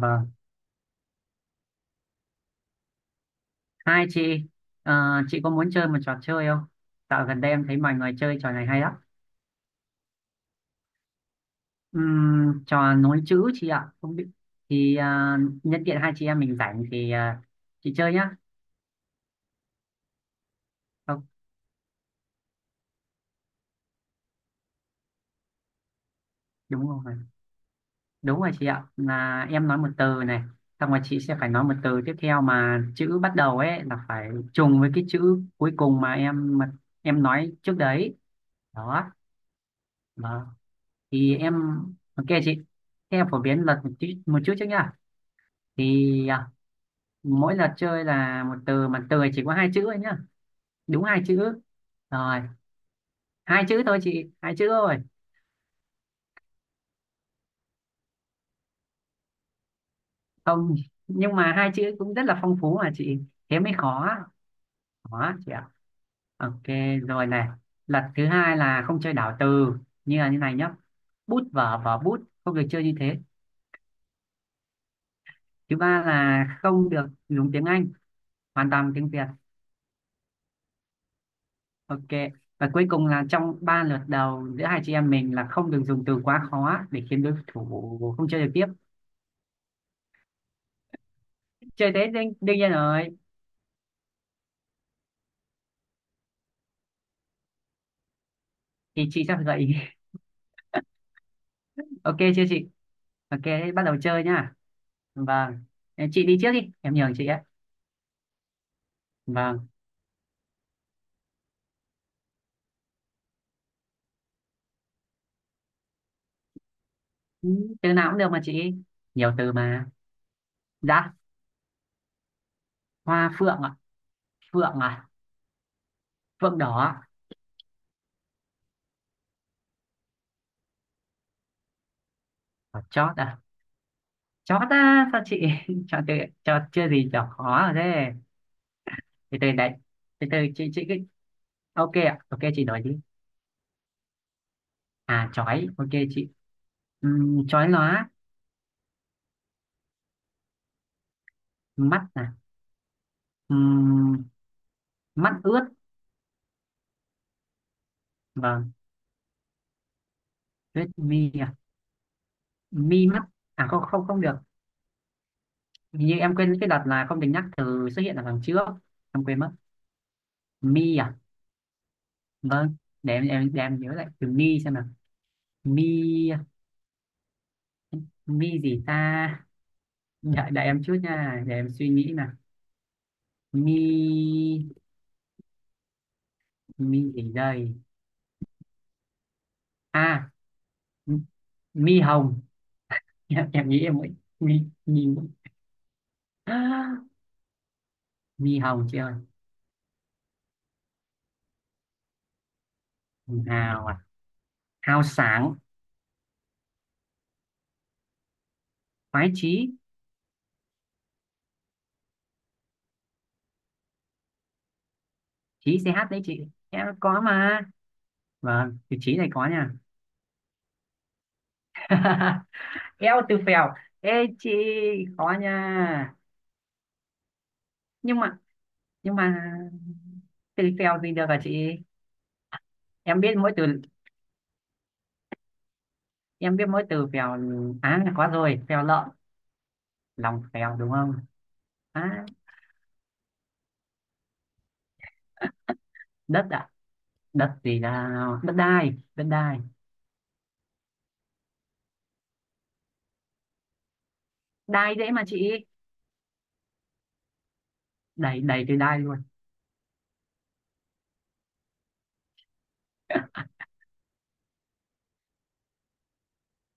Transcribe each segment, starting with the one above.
Vâng. Hai chị, ờ, chị có muốn chơi một trò chơi không? Dạo gần đây em thấy mọi người chơi trò này hay lắm. Trò nối chữ chị ạ. Không biết thì nhân tiện hai chị em mình rảnh thì chị chơi nhá. Không, đúng rồi. Đúng rồi chị ạ. Là em nói một từ này, xong rồi chị sẽ phải nói một từ tiếp theo mà chữ bắt đầu ấy là phải trùng với cái chữ cuối cùng mà em nói trước đấy. Đó. Vâng. Thì em ok chị. Thế em phổ biến luật một chút trước nhá. Thì à, Mỗi lượt chơi là một từ mà từ này chỉ có hai chữ thôi nhá, đúng hai chữ rồi, hai chữ thôi chị, hai chữ thôi. Không, nhưng mà hai chữ cũng rất là phong phú mà chị, thế mới khó, khó chị ạ. Ok, rồi này, lật thứ hai là không chơi đảo từ, như là như này nhá: bút vở, vở bút, không được chơi như thế. Thứ ba là không được dùng tiếng Anh, hoàn toàn tiếng Việt. Ok, và cuối cùng là trong ba lượt đầu giữa hai chị em mình là không được dùng từ quá khó để khiến đối thủ không chơi được tiếp. Chơi Tết đương nhiên rồi, thì chị sẽ phải gợi ý. Ok chưa chị? Ok thế bắt đầu chơi nhá. Vâng. Ờ, chị đi trước đi, em nhường chị ấy. Vâng. Ừ, từ nào cũng được mà chị, nhiều từ mà. Dạ, hoa phượng ạ. Phượng à, phượng đỏ ạ. À? Ờ, chót à, chót á sao chị. Chọn từ, chọn chưa gì chọn khó rồi thế. Từ từ đấy, từ từ chị cứ ok ạ, ok chị nói đi. À, chói ok chị. Chói lóa. Mắt à? Ừm, mắt ướt. Vâng. Ướt mi à, mi mắt. À không không không được, hình như em quên cái đợt là không được nhắc từ xuất hiện ở phần trước, em quên mất. Mi à? Vâng. Để để em nhớ lại từ mi xem nào. Mi, mi gì ta? Đợi đợi em chút nha, để em suy nghĩ nào. Mi, mi gì đây? À, m- mi hồng. Em nghĩ em mới mi mi. À, mi hồng chị ơi. Hào à, hào sáng. Khoái chí. Chí ch- đấy chị, em có mà. Vâng, từ chí này có nha. Eo, từ phèo, ê chị, khó nha. Nhưng mà, nhưng mà từ phèo gì được hả chị? Em biết mỗi từ, em biết mỗi từ phèo. Á là có rồi, phèo lợn, lòng phèo đúng không? Á, đất ạ. Đất gì nào? Đất đai, đất đai. Đai dễ mà chị, đầy đầy từ đai luôn.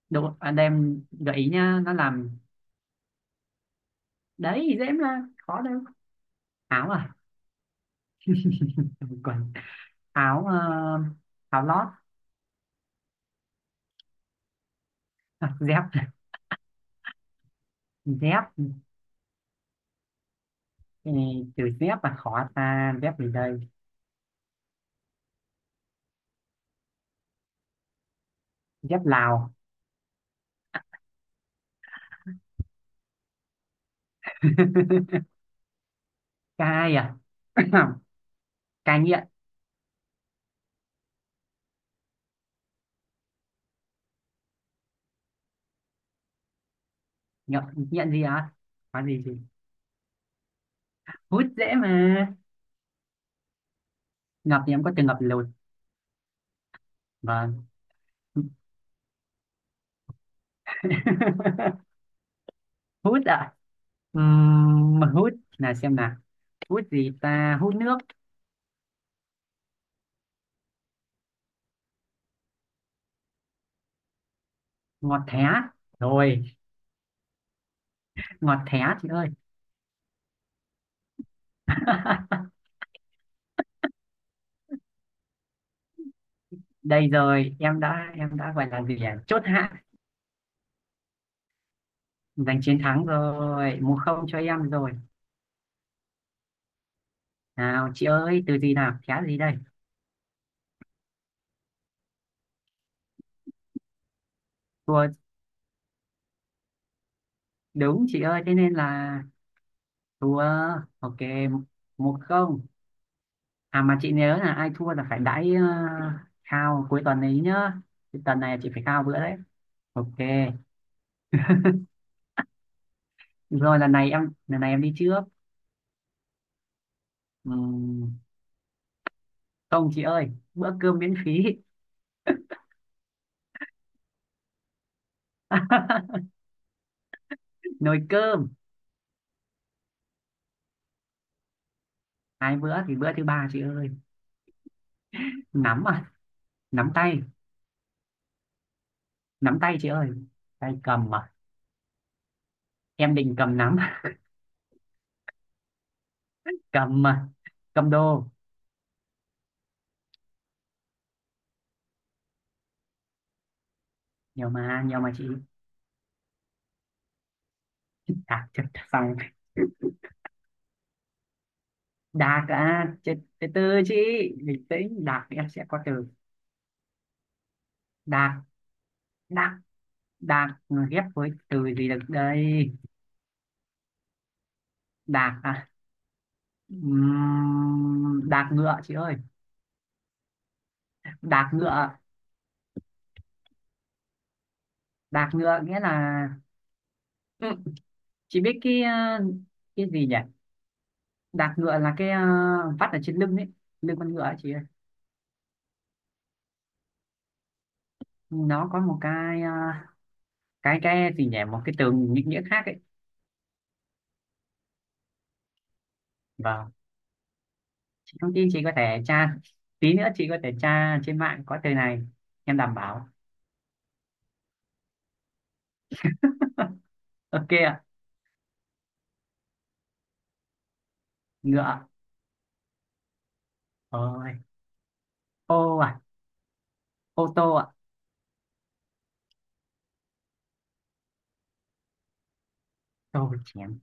Đúng anh đem gợi ý nhá, nó làm đấy, dễ mà, khó đâu. Áo à, quần áo. Ờ, áo lót. Dép. Dép. Ừ, chữ dép mà khó ta, dép gì đây? Dép Lào. Cai à. Cai nghiện. Nghiện, nghiện gì á, có gì gì. Hút dễ mà. Ngập thì em có từng ngập lụt. Vâng. Hút ạ. Mà hút là xem nào, hút gì ta, hút nước. Ngọt thé, rồi, ngọt thé chị ơi. Đây rồi, em đã gọi là gì à? Chốt hạ, giành chiến thắng rồi, 1-0 cho em rồi. Nào chị ơi, từ gì nào, thé gì đây? Thua, đúng chị ơi, thế nên là thua ok, 1-0. À mà chị nhớ là ai thua là phải đãi khao cuối tuần ấy nhá. Cái tuần này chị phải khao bữa đấy. Ok. Được rồi, lần này em đi trước. Ừm, không chị ơi, bữa cơm miễn phí. Nồi cơm. Hai bữa thì bữa thứ ba chị ơi. Nắm à, nắm tay. Nắm tay chị ơi. Tay cầm à, em định cầm nắm. Cầm à, cầm đồ. Nhiều mà chị. À chết, xong. Đạt à, từ từ từ chị bình tĩnh, đạt thì em sẽ có từ. Đạt, đạt, đạt ghép với từ gì được đây? Đạt à. Đạt ngựa chị ơi. Đạt ngựa. Đạt ngựa nghĩa là, ừ, chị biết cái, ờ, cái gì nhỉ, đạt ngựa là cái, ờ, vắt ở trên lưng ấy, lưng con ngựa ấy chị ơi. Nó có một cái, ờ, cái gì nhỉ, một cái từ định nghĩa khác ấy. Vâng. Chị thông tin, chị có thể tra, tí nữa chị có thể tra trên mạng có từ này, em đảm bảo. Ok ạ. Ngựa. Ôi, ô à, ô tô ạ. Tô chén.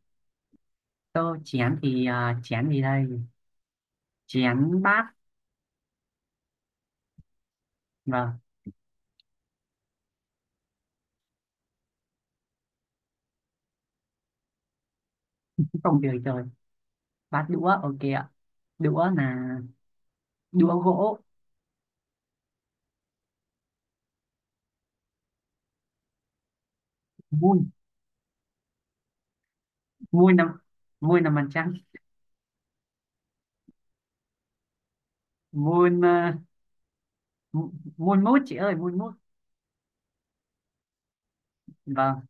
Tô chén thì chén gì đây, chén bát. Vâng. Không từ rồi, bát đũa ok ạ. Đũa là đũa gỗ. Muôn, muôn năm, muôn năm ăn trắng. Muôn muôn mút chị ơi, muôn mút. Vâng.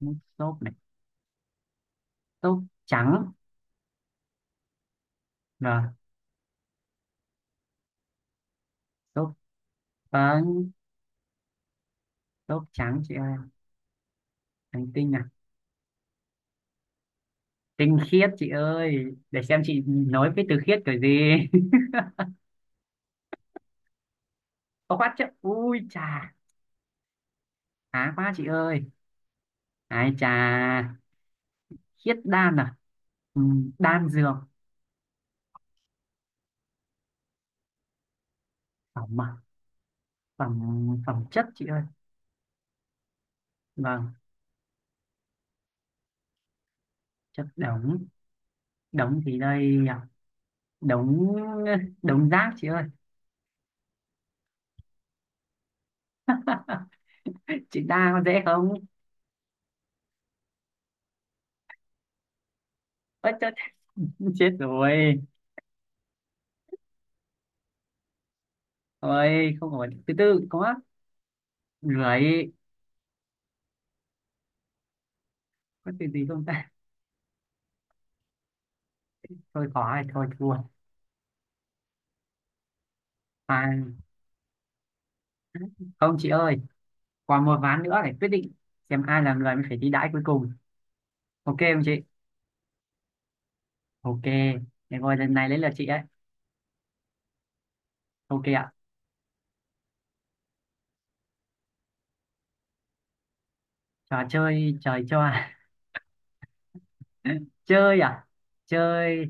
Mút xốp này, xốp trắng. Vâng, xốp. Vâng, xốp trắng chị ơi. Hành tinh à. Tinh khiết chị ơi, để xem chị nói với từ khiết kiểu gì. Có quá chứ, ui chà, khá quá chị ơi, ai chà. Khiết đan à. Ừ, đan dược. Phẩm à, phẩm, phẩm chất chị ơi. Vâng. Chất đống. Đống thì đây nhỉ? Đống, đống rác chị ơi. Chị đa có dễ không. Ơi chết, chết rồi. Ôi không có từ, từ có lưỡi, có từ gì không ta? Thôi khó rồi, thôi thua. À không chị ơi, còn một ván nữa để quyết định xem ai là người mới phải đi đãi cuối cùng. Ok không chị? Ok, để ngồi lần này lấy lượt chị ấy. Ok ạ. Trò chơi, trời cho à? Chơi à. Chơi,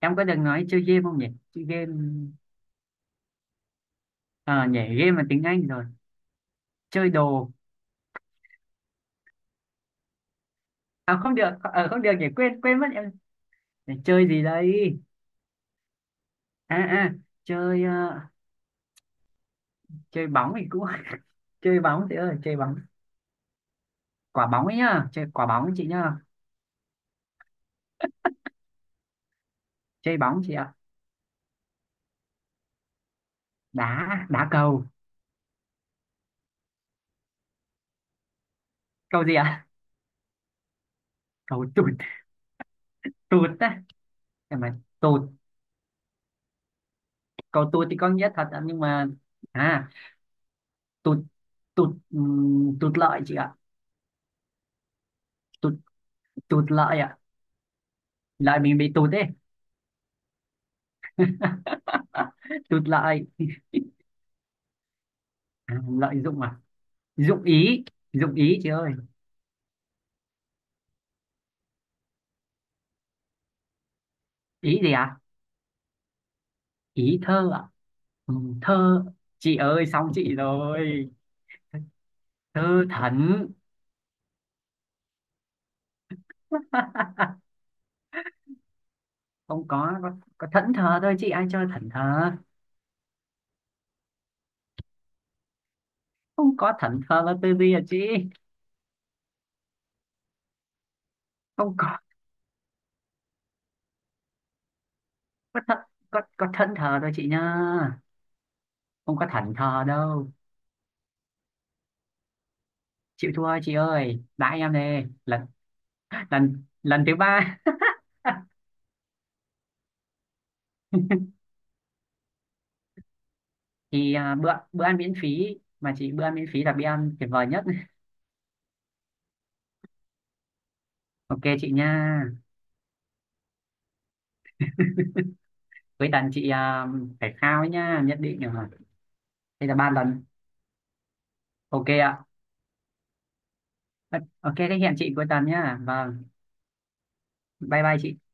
em có được nói chơi game không nhỉ, chơi game? À nhỉ, game là tiếng Anh rồi. Chơi đồ. À không được, không được nhỉ, quên quên mất em. Để chơi gì đây? À à, chơi, chơi bóng thì cũng, chơi bóng chị ơi, chơi bóng. Quả bóng ấy nhá, chơi quả bóng ấy chị nhá. Chơi bóng chị ạ. Đá, đá cầu. Cầu gì ạ? Cầu tụt, tụt á, cái mà tụt. Cầu tụt thì có nghĩa thật ạ, nhưng mà à, tụt, tụt tụt lợi chị ạ. Tụt, tụt lợi ạ. Lợi mình bị tụt ấy. Tụt lợi. À, lợi dụng à. Dụng ý, dụng ý chị ơi. Ý gì ạ? Ý thơ ạ. Ừ, thơ, chị ơi xong chị rồi. Thơ thẩn. Không có, có thẫn thờ thôi chị, ai chơi thẫn thờ. Không có, thẫn thờ là từ gì à chị. Không có, có thẫn, có thẫn thờ thôi chị nha, không có thảnh thờ đâu. Chịu thua chị ơi, đãi em đây lần, lần thứ ba. Bữa Bữa ăn miễn phí mà chị, bữa ăn miễn phí là bữa ăn tuyệt vời nhất. Ok chị nha. Cuối tuần chị phải khao ấy nha, nhất định rồi. Đây là ba lần. Ok ạ. Ok thế hẹn chị cuối tuần nha, vâng. Bye bye chị.